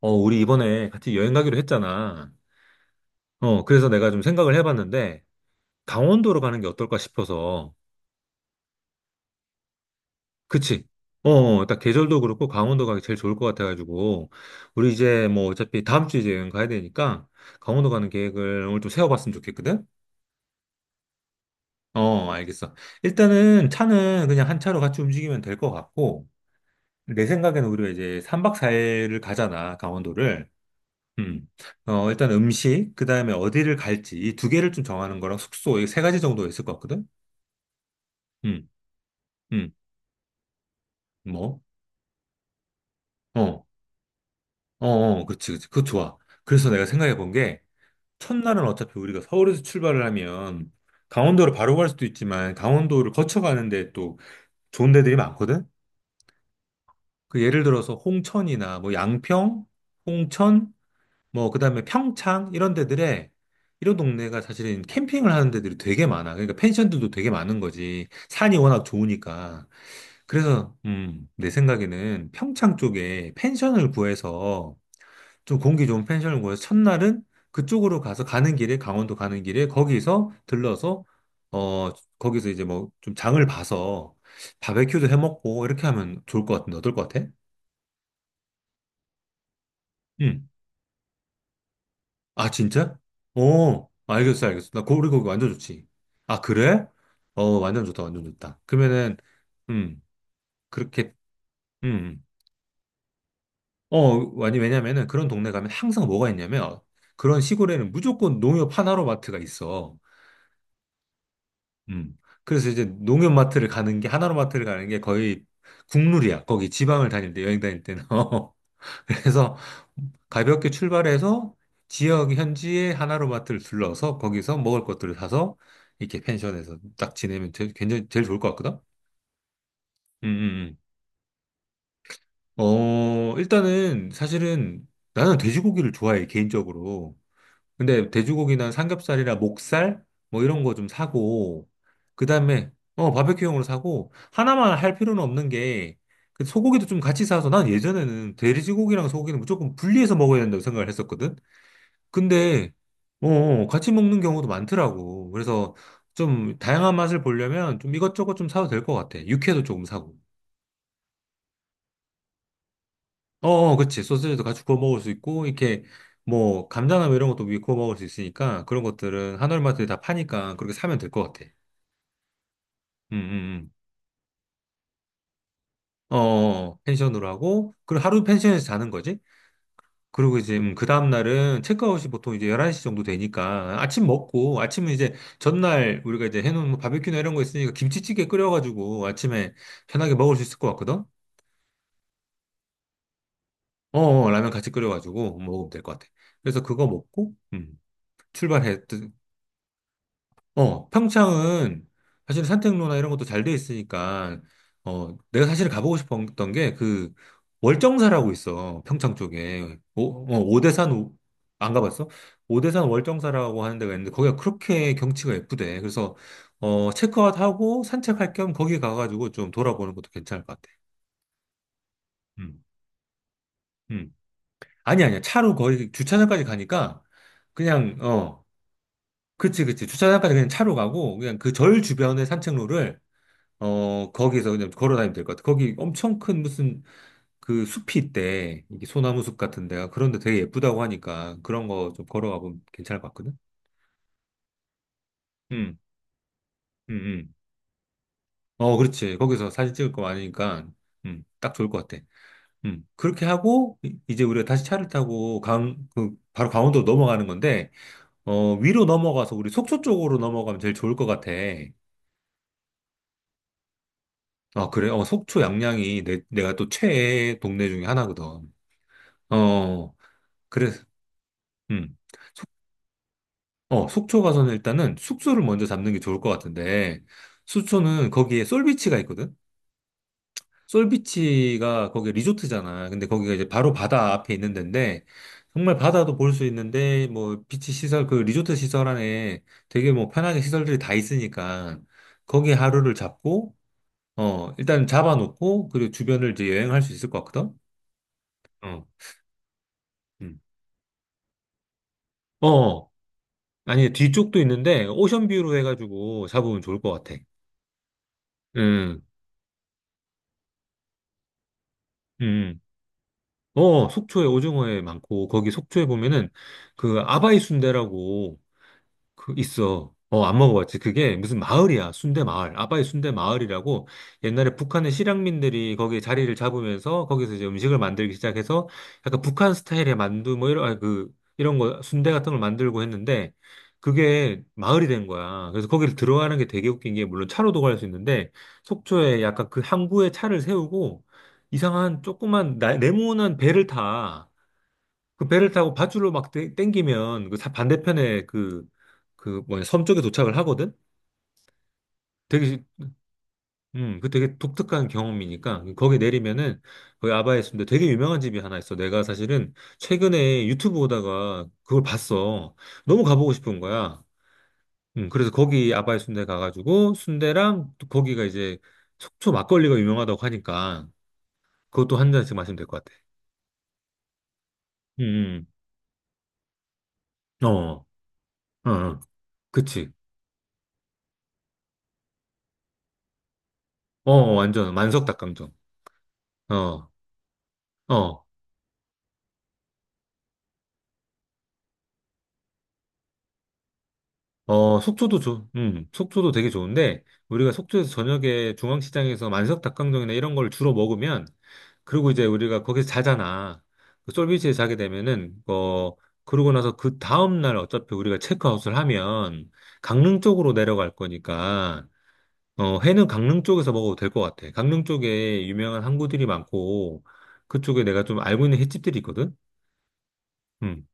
우리 이번에 같이 여행 가기로 했잖아. 그래서 내가 좀 생각을 해봤는데, 강원도로 가는 게 어떨까 싶어서. 그치? 딱 계절도 그렇고 강원도 가기 제일 좋을 것 같아가지고, 우리 이제 뭐 어차피 다음 주에 이제 여행 가야 되니까, 강원도 가는 계획을 오늘 좀 세워봤으면 좋겠거든? 어, 어, 알겠어. 일단은 차는 그냥 한 차로 같이 움직이면 될 것 같고, 내 생각에는 우리가 이제 3박 4일을 가잖아, 강원도를. 음. 일단 음식, 그 다음에 어디를 갈지, 이 두 개를 좀 정하는 거랑 숙소, 이 세 가지 정도 있을 것 같거든? 음, 음, 뭐? 어, 어, 어, 그렇지, 그렇지. 그거 좋아. 그래서 내가 생각해 본 게, 첫날은 어차피 우리가 서울에서 출발을 하면, 강원도로 바로 갈 수도 있지만, 강원도를 거쳐가는데 또 좋은 데들이 많거든? 그 예를 들어서 홍천이나 뭐 양평, 홍천, 뭐 그다음에 평창 이런 데들에 이런 동네가 사실은 캠핑을 하는 데들이 되게 많아. 그러니까 펜션들도 되게 많은 거지. 산이 워낙 좋으니까. 그래서 내 생각에는 평창 쪽에 펜션을 구해서 좀 공기 좋은 펜션을 구해서 첫날은 그쪽으로 가서 가는 길에 강원도 가는 길에 거기서 들러서 어 거기서 이제 뭐 좀 장을 봐서 바베큐도 해 먹고 이렇게 하면 좋을 것 같은데 어떨 것 같아? 음. 아, 진짜? 어, 알겠어, 알겠어. 그리고 그거 완전 좋지. 아, 그래? 어, 완전 좋다, 완전 좋다. 그러면은, 음, 그렇게, 음. 아니, 왜냐면은 그런 동네 가면 항상 뭐가 있냐면, 그런 시골에는 무조건 농협 하나로마트가 있어. 음. 그래서 이제 농협마트를 가는 게, 하나로마트를 가는 게 거의 국룰이야. 거기 지방을 다닐 때, 여행 다닐 때는. 그래서 가볍게 출발해서 지역 현지의 하나로마트를 둘러서 거기서 먹을 것들을 사서 이렇게 펜션에서 딱 지내면 제 굉장히 제일 좋을 것 같거든? 음, 음, 일단은 사실은 나는 돼지고기를 좋아해, 개인적으로. 근데 돼지고기나 삼겹살이나 목살 뭐 이런 거 좀 사고, 그 다음에 바베큐용으로 사고, 하나만 할 필요는 없는 게, 그 소고기도 좀 같이 사서 난 예전에는 돼지고기랑 소고기는 무조건 분리해서 먹어야 된다고 생각을 했었거든? 근데 같이 먹는 경우도 많더라고. 그래서 좀 다양한 맛을 보려면 좀 이것저것 좀 사도 될 것 같아. 육회도 조금 사고. 어, 어, 그치. 소세지도 같이 구워 먹을 수 있고, 이렇게 뭐 감자나 뭐 이런 것도 위에 구워 먹을 수 있으니까 그런 것들은 한월마트에 다 파니까 그렇게 사면 될 것 같아. 음, 음, 어, 어, 어. 펜션으로 하고, 그리고 하루 펜션에서 자는 거지? 그리고 이제 그 다음 날은 체크아웃이 보통 이제 11시 정도 되니까 아침 먹고 아침은 이제 전날 우리가 이제 해놓은 뭐 바베큐나 이런 거 있으니까 김치찌개 끓여가지고 아침에 편하게 먹을 수 있을 것 같거든? 어, 어, 라면 같이 끓여가지고 먹으면 될 것 같아. 그래서 그거 먹고 출발해. 평창은 사실 산책로나 이런 것도 잘 돼 있으니까, 내가 사실 가보고 싶었던 게 그 월정사라고 있어. 평창 쪽에. 오, 오대산. 안 가봤어? 오대산 월정사라고 하는 데가 있는데 거기가 그렇게 경치가 예쁘대. 그래서, 체크아웃 하고 산책할 겸 거기 가가지고 좀 돌아보는 것도 괜찮을 것 같아. 음, 음. 아니, 아니야. 차로 거의 주차장까지 가니까 그냥, 그치, 그치. 주차장까지 그냥 차로 가고 그냥 그 절 주변의 산책로를 거기서 그냥 걸어다니면 될 것 같아. 거기 엄청 큰 무슨 그 숲이 있대. 이게 소나무 숲 같은 데가. 그런데 되게 예쁘다고 하니까 그런 거 좀 걸어가 보면 괜찮을 것 같거든? 응, 응, 응. 어, 그렇지. 거기서 사진 찍을 거 많으니까, 딱 좋을 것 같아. 그렇게 하고, 이제 우리가 다시 차를 타고 바로 강원도 넘어가는 건데, 위로 넘어가서 우리 속초 쪽으로 넘어가면 제일 좋을 것 같아. 아, 그래? 어, 속초 양양이 내가 또 최애 동네 중에 하나거든. 어, 그래서, 속초 가서는 일단은 숙소를 먼저 잡는 게 좋을 것 같은데, 속초는 거기에 솔비치가 있거든? 솔비치가 거기 리조트잖아. 근데 거기가 이제 바로 바다 앞에 있는 데인데, 정말 바다도 볼 수 있는데, 뭐, 비치 시설, 그 리조트 시설 안에 되게 뭐 편하게 시설들이 다 있으니까, 거기 하루를 잡고, 일단 잡아놓고, 그리고 주변을 이제 여행할 수 있을 것 같거든? 어, 음. 어, 아니, 뒤쪽도 있는데, 오션뷰로 해가지고 잡으면 좋을 것 같아. 음, 음. 속초에 오징어회 많고, 거기 속초에 보면은 그 아바이 순대라고, 그 있어. 안 먹어봤지. 그게 무슨 마을이야. 순대 마을. 아바이 순대 마을이라고 옛날에 북한의 실향민들이 거기에 자리를 잡으면서 거기서 이제 음식을 만들기 시작해서 약간 북한 스타일의 만두 뭐 이런, 아니, 그, 이런 거, 순대 같은 걸 만들고 했는데 그게 마을이 된 거야. 그래서 거기를 들어가는 게 되게 웃긴 게 물론 차로도 갈 수 있는데 속초에 약간 그 항구에 차를 세우고 이상한 조그만 네모난 배를 타. 그 배를 타고 밧줄로 막 땡기면 그 반대편에 그 뭐냐 섬 쪽에 도착을 하거든. 되게 그 되게 독특한 경험이니까 거기 내리면은 거기 아바에 있는데 되게 유명한 집이 하나 있어. 내가 사실은 최근에 유튜브 보다가 그걸 봤어. 너무 가보고 싶은 거야. 그래서 거기 아바이 순대 가가지고 순대랑 또 거기가 이제 속초 막걸리가 유명하다고 하니까 그것도 한 잔씩 마시면 될 것 같아. 음, 어, 어, 어. 그치. 어, 어, 완전 만석 닭강정. 어, 어. 속초도 속초도 되게 좋은데, 우리가 속초에서 저녁에 중앙시장에서 만석 닭강정이나 이런 걸 주로 먹으면, 그리고 이제 우리가 거기서 자잖아. 그 솔비치에 자게 되면은, 그러고 나서 그 다음날 어차피 우리가 체크아웃을 하면, 강릉 쪽으로 내려갈 거니까, 회는 강릉 쪽에서 먹어도 될 것 같아. 강릉 쪽에 유명한 항구들이 많고, 그쪽에 내가 좀 알고 있는 횟집들이 있거든? 음.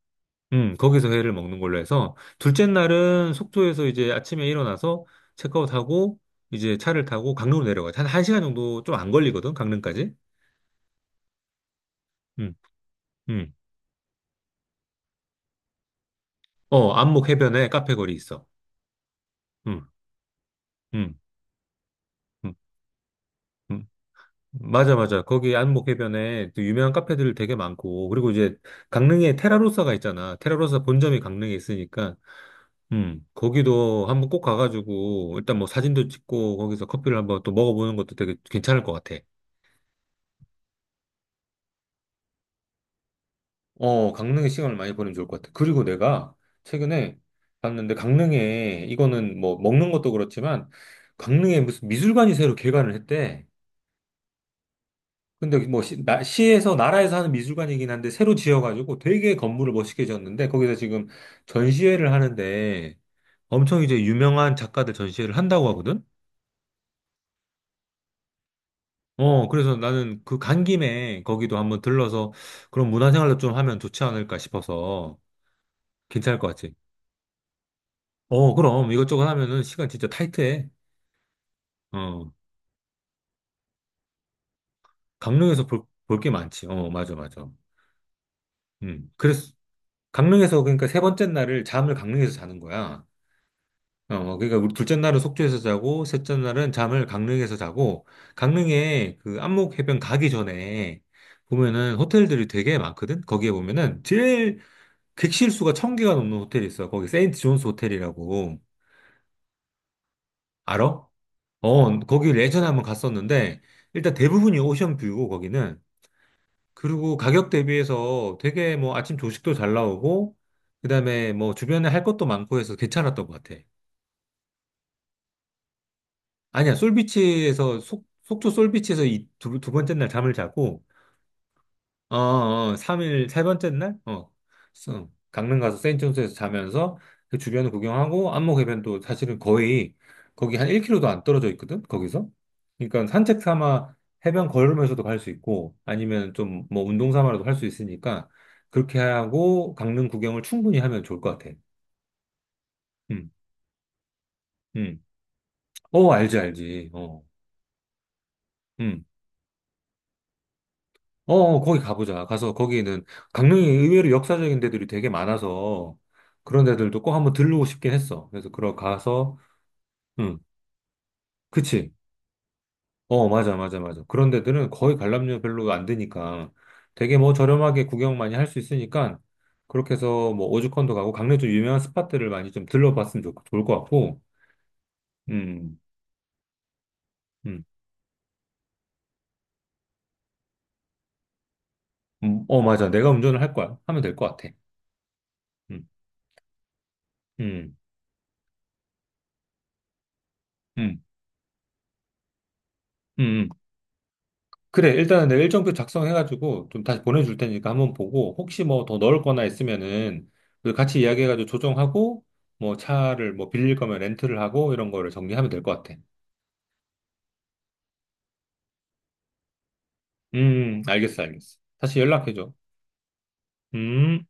거기서 회를 먹는 걸로 해서, 둘째 날은 속초에서 이제 아침에 일어나서 체크아웃하고, 이제 차를 타고 강릉으로 내려가. 한 1시간 정도 좀 안 걸리거든, 강릉까지. 음, 음. 안목 해변에 카페 거리 있어. 음, 음, 음, 음. 맞아, 맞아. 거기 안목 해변에 또 유명한 카페들 되게 많고, 그리고 이제 강릉에 테라로사가 있잖아. 테라로사 본점이 강릉에 있으니까, 거기도 한번 꼭 가가지고, 일단 뭐 사진도 찍고, 거기서 커피를 한번 또 먹어보는 것도 되게 괜찮을 것 같아. 어, 강릉에 시간을 많이 보내면 좋을 것 같아. 그리고 내가 최근에 봤는데 강릉에 이거는 뭐 먹는 것도 그렇지만 강릉에 무슨 미술관이 새로 개관을 했대. 근데 뭐 시에서 나라에서 하는 미술관이긴 한데 새로 지어가지고 되게 건물을 멋있게 지었는데 거기서 지금 전시회를 하는데 엄청 이제 유명한 작가들 전시회를 한다고 하거든. 그래서 나는 그 간 김에 거기도 한번 들러서 그런 문화생활도 좀 하면 좋지 않을까 싶어서 괜찮을 것 같지? 어, 그럼 이것저것 하면은 시간 진짜 타이트해. 어, 강릉에서 볼 게 많지. 어, 맞아, 맞아. 그래서 강릉에서 그러니까 세 번째 날을 잠을 강릉에서 자는 거야. 그러니까 우리 둘째 날은 속초에서 자고 셋째 날은 잠을 강릉에서 자고 강릉에 그 안목 해변 가기 전에 보면은 호텔들이 되게 많거든. 거기에 보면은 제일 객실 수가 천 개가 넘는 호텔이 있어. 거기 세인트 존스 호텔이라고 알아? 어, 거기 예전에 한번 갔었는데 일단 대부분이 오션뷰고 거기는 그리고 가격 대비해서 되게 뭐 아침 조식도 잘 나오고, 그다음에 뭐 주변에 할 것도 많고 해서 괜찮았던 것 같아. 아니야, 솔비치에서, 속초 솔비치에서 이 두 번째 날 잠을 자고, 어, 어, 3일, 세 번째 날? 어. 강릉 가서 세인트존스에서 자면서 그 주변을 구경하고 안목해변도 사실은 거의 거기 한1킬로도안 떨어져 있거든, 거기서. 그러니까 산책 삼아 해변 걸으면서도 갈 수 있고 아니면 좀 뭐 운동 삼아라도 할 수 있으니까 그렇게 하고 강릉 구경을 충분히 하면 좋을 것 같아. 음, 음. 어, 알지, 알지. 어. 음. 어, 어, 거기 가보자. 가서 거기는 강릉이 의외로 역사적인 데들이 되게 많아서 그런 데들도 꼭 한번 들르고 싶긴 했어. 그래서 그러 가서, 응, 그치. 어, 맞아, 맞아, 맞아. 그런 데들은 거의 관람료 별로 안 드니까 되게 뭐 저렴하게 구경 많이 할 수 있으니까 그렇게 해서 뭐 오죽헌도 가고 강릉 좀 유명한 스팟들을 많이 좀 들러봤으면 좋을 것 같고, 음, 음, 어, 맞아. 내가 운전을 할 거야. 하면 될 것 같아. 음, 음, 음, 음. 그래, 일단은 내가 일정표 작성해가지고 좀 다시 보내줄 테니까 한번 보고 혹시 뭐 더 넣을 거나 있으면은 우리 같이 이야기해가지고 조정하고 뭐 차를 뭐 빌릴 거면 렌트를 하고 이런 거를 정리하면 될 것 같아. 알겠어, 알겠어. 다시 연락해줘. 음.